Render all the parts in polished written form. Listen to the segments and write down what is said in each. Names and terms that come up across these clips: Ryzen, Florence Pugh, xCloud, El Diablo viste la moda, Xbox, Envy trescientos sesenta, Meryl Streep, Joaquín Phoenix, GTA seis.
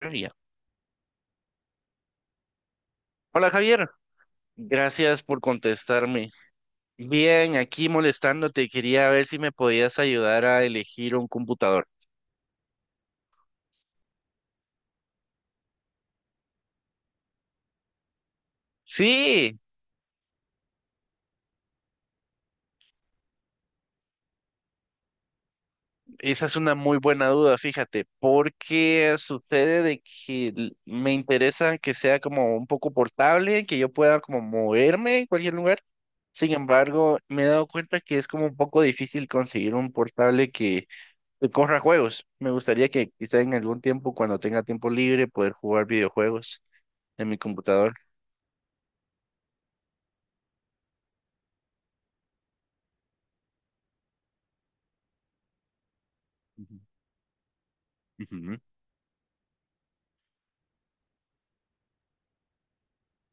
Ría. Hola Javier, gracias por contestarme. Bien, aquí molestándote, quería ver si me podías ayudar a elegir un computador. Sí, esa es una muy buena duda, fíjate, porque sucede de que me interesa que sea como un poco portable, que yo pueda como moverme en cualquier lugar. Sin embargo, me he dado cuenta que es como un poco difícil conseguir un portable que corra juegos. Me gustaría que quizá en algún tiempo, cuando tenga tiempo libre, poder jugar videojuegos en mi computador. Ujú, ujú,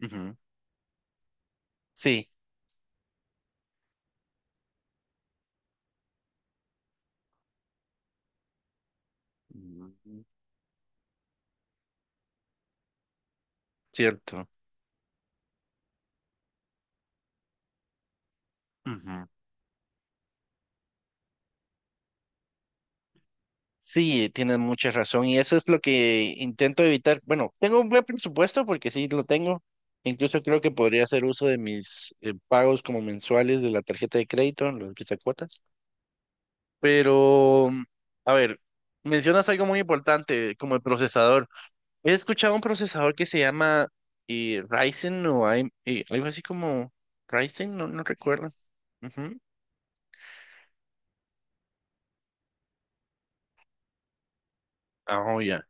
ujú. Sí, mm, cierto. Ujú. Sí, tienes mucha razón y eso es lo que intento evitar. Bueno, tengo un buen presupuesto porque sí lo tengo. Incluso creo que podría hacer uso de mis pagos como mensuales de la tarjeta de crédito, los cuotas. Pero, a ver, mencionas algo muy importante como el procesador. He escuchado un procesador que se llama Ryzen o AM algo así como Ryzen, no, no recuerdo. Ujú. Ah, oh, ya.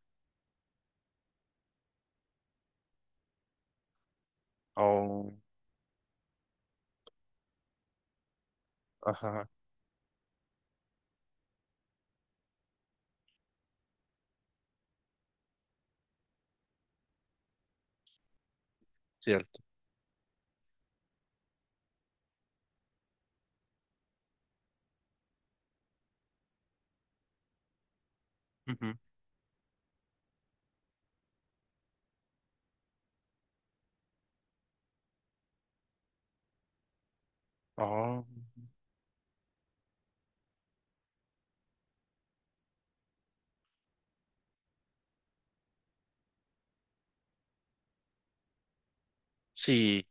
Oh, ajá, cierto. Ujú. Oh, sí.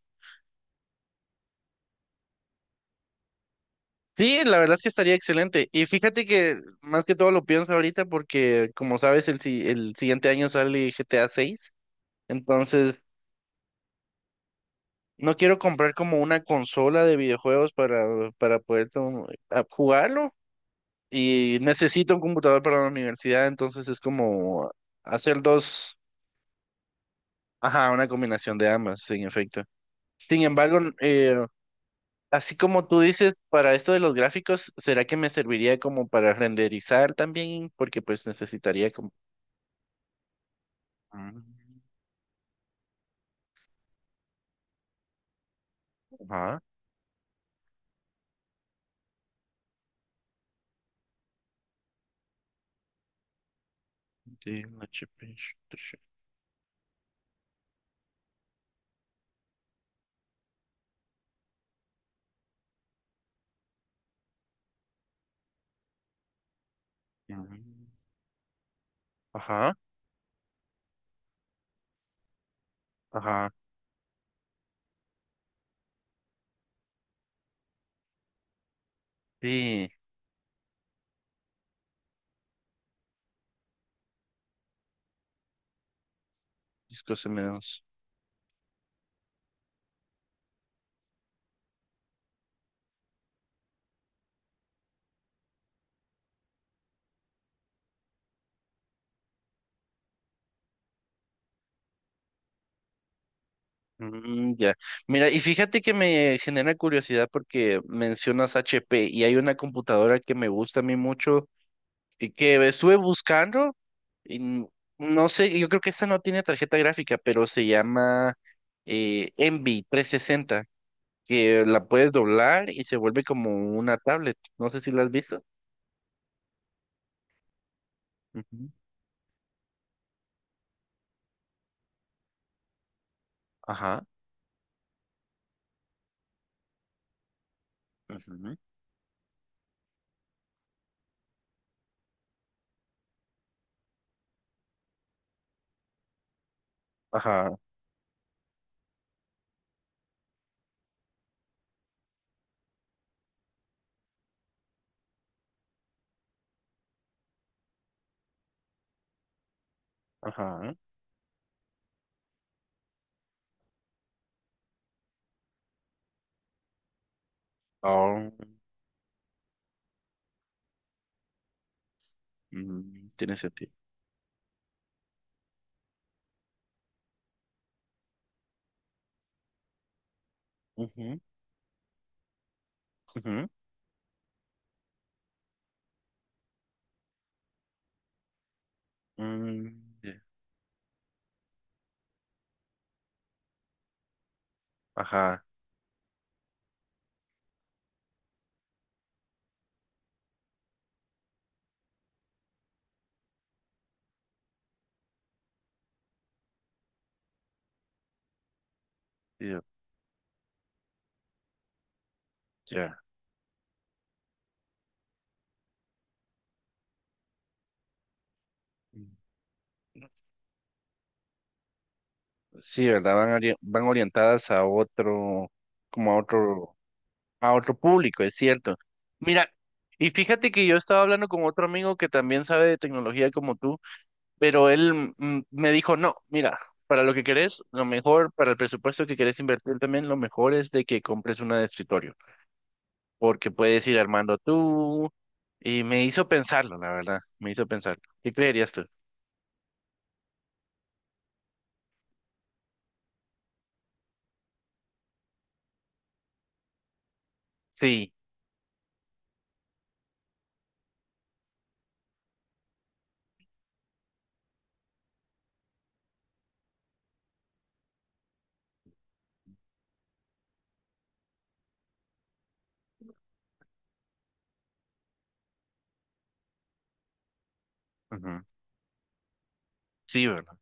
Sí, la verdad es que estaría excelente. Y fíjate que más que todo lo pienso ahorita porque, como sabes, el, si- el siguiente año sale GTA 6. Entonces, no quiero comprar como una consola de videojuegos para poder jugarlo y necesito un computador para la universidad, entonces es como hacer dos, ajá, una combinación de ambas, en efecto. Sin embargo, así como tú dices, para esto de los gráficos, ¿será que me serviría como para renderizar también? Porque pues necesitaría como. Mm, ajá, de una chip, mm, ajá, ajá, sí, disco M2. Mm, ya. Mira, y fíjate que me genera curiosidad porque mencionas HP y hay una computadora que me gusta a mí mucho y que estuve buscando y no sé, yo creo que esta no tiene tarjeta gráfica, pero se llama Envy 360 que la puedes doblar y se vuelve como una tablet. No sé si la has visto. Ujú. Ajá. Ujú, ajá. Ajá. Oh, tiene sentido. Ujú, ujú, mm, ya. Ajá. Ya. Sí, ¿verdad? Van orientadas a otro, como a otro público, es cierto. Mira, y fíjate que yo estaba hablando con otro amigo que también sabe de tecnología como tú, pero él me dijo, no, mira, para lo que querés, lo mejor, para el presupuesto que querés invertir también, lo mejor es de que compres una de escritorio, porque puedes ir armando tú, y me hizo pensarlo, la verdad, me hizo pensar, ¿qué creerías tú? Sí. Ujú. Sí, ¿verdad?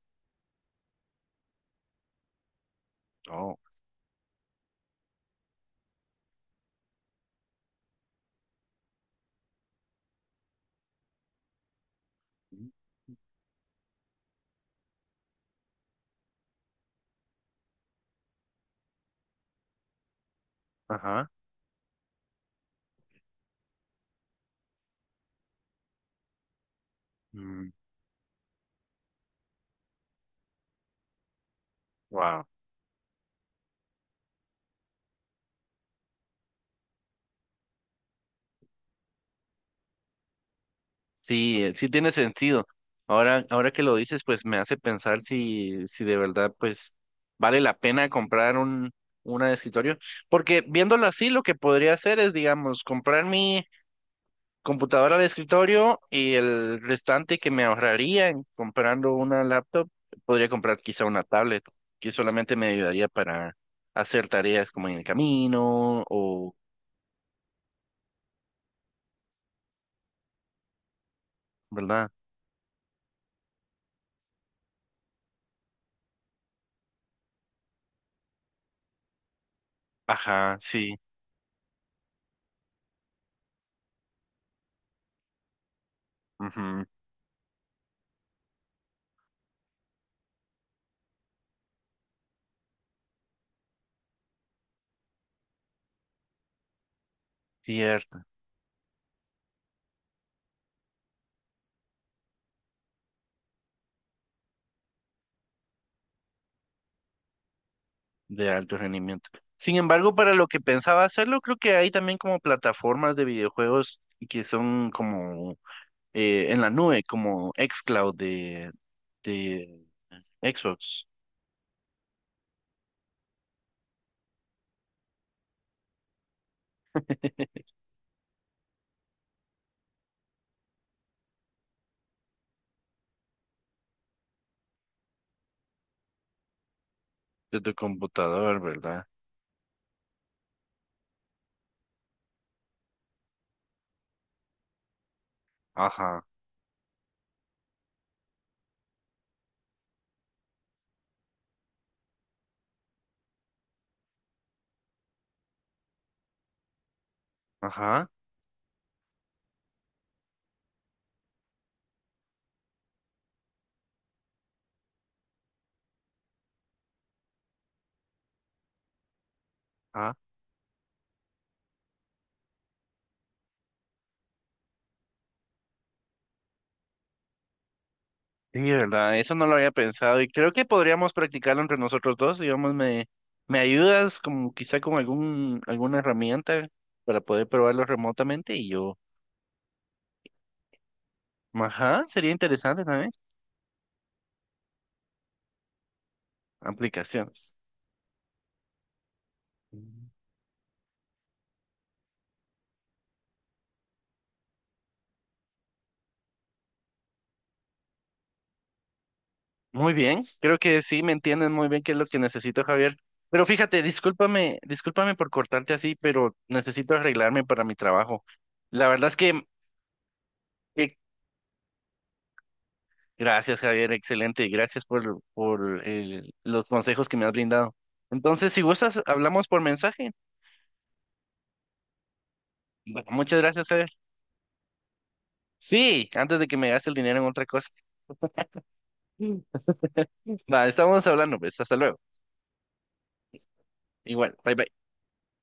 Oh. Ajá. Wow. Sí, sí tiene sentido. Ahora que lo dices, pues me hace pensar si, de verdad, pues, vale la pena comprar una de escritorio. Porque viéndolo así, lo que podría hacer es, digamos, comprar mi computadora de escritorio y el restante que me ahorraría en comprando una laptop, podría comprar quizá una tablet, que solamente me ayudaría para hacer tareas como en el camino o, ¿verdad? Ajá, sí, ujú, cierto, de alto rendimiento. Sin embargo, para lo que pensaba hacerlo, creo que hay también como plataformas de videojuegos que son como en la nube, como xCloud de Xbox, de tu computador, ¿verdad? Ajá, ajá, ajá. Sí, verdad, eso no lo había pensado y creo que podríamos practicarlo entre nosotros dos, digamos, me ayudas como quizá con alguna herramienta para poder probarlo remotamente y yo, ajá, sería interesante también, aplicaciones. Mm. Muy bien, creo que sí, me entiendes muy bien qué es lo que necesito, Javier. Pero fíjate, discúlpame, discúlpame por cortarte así, pero necesito arreglarme para mi trabajo. La verdad es que. Gracias, Javier, excelente. Y gracias por los consejos que me has brindado. Entonces, si gustas, hablamos por mensaje. Bueno, muchas gracias, Javier. Sí, antes de que me gaste el dinero en otra cosa. Mm. Va, estamos hablando, pues. Hasta luego. Igual, bye bye.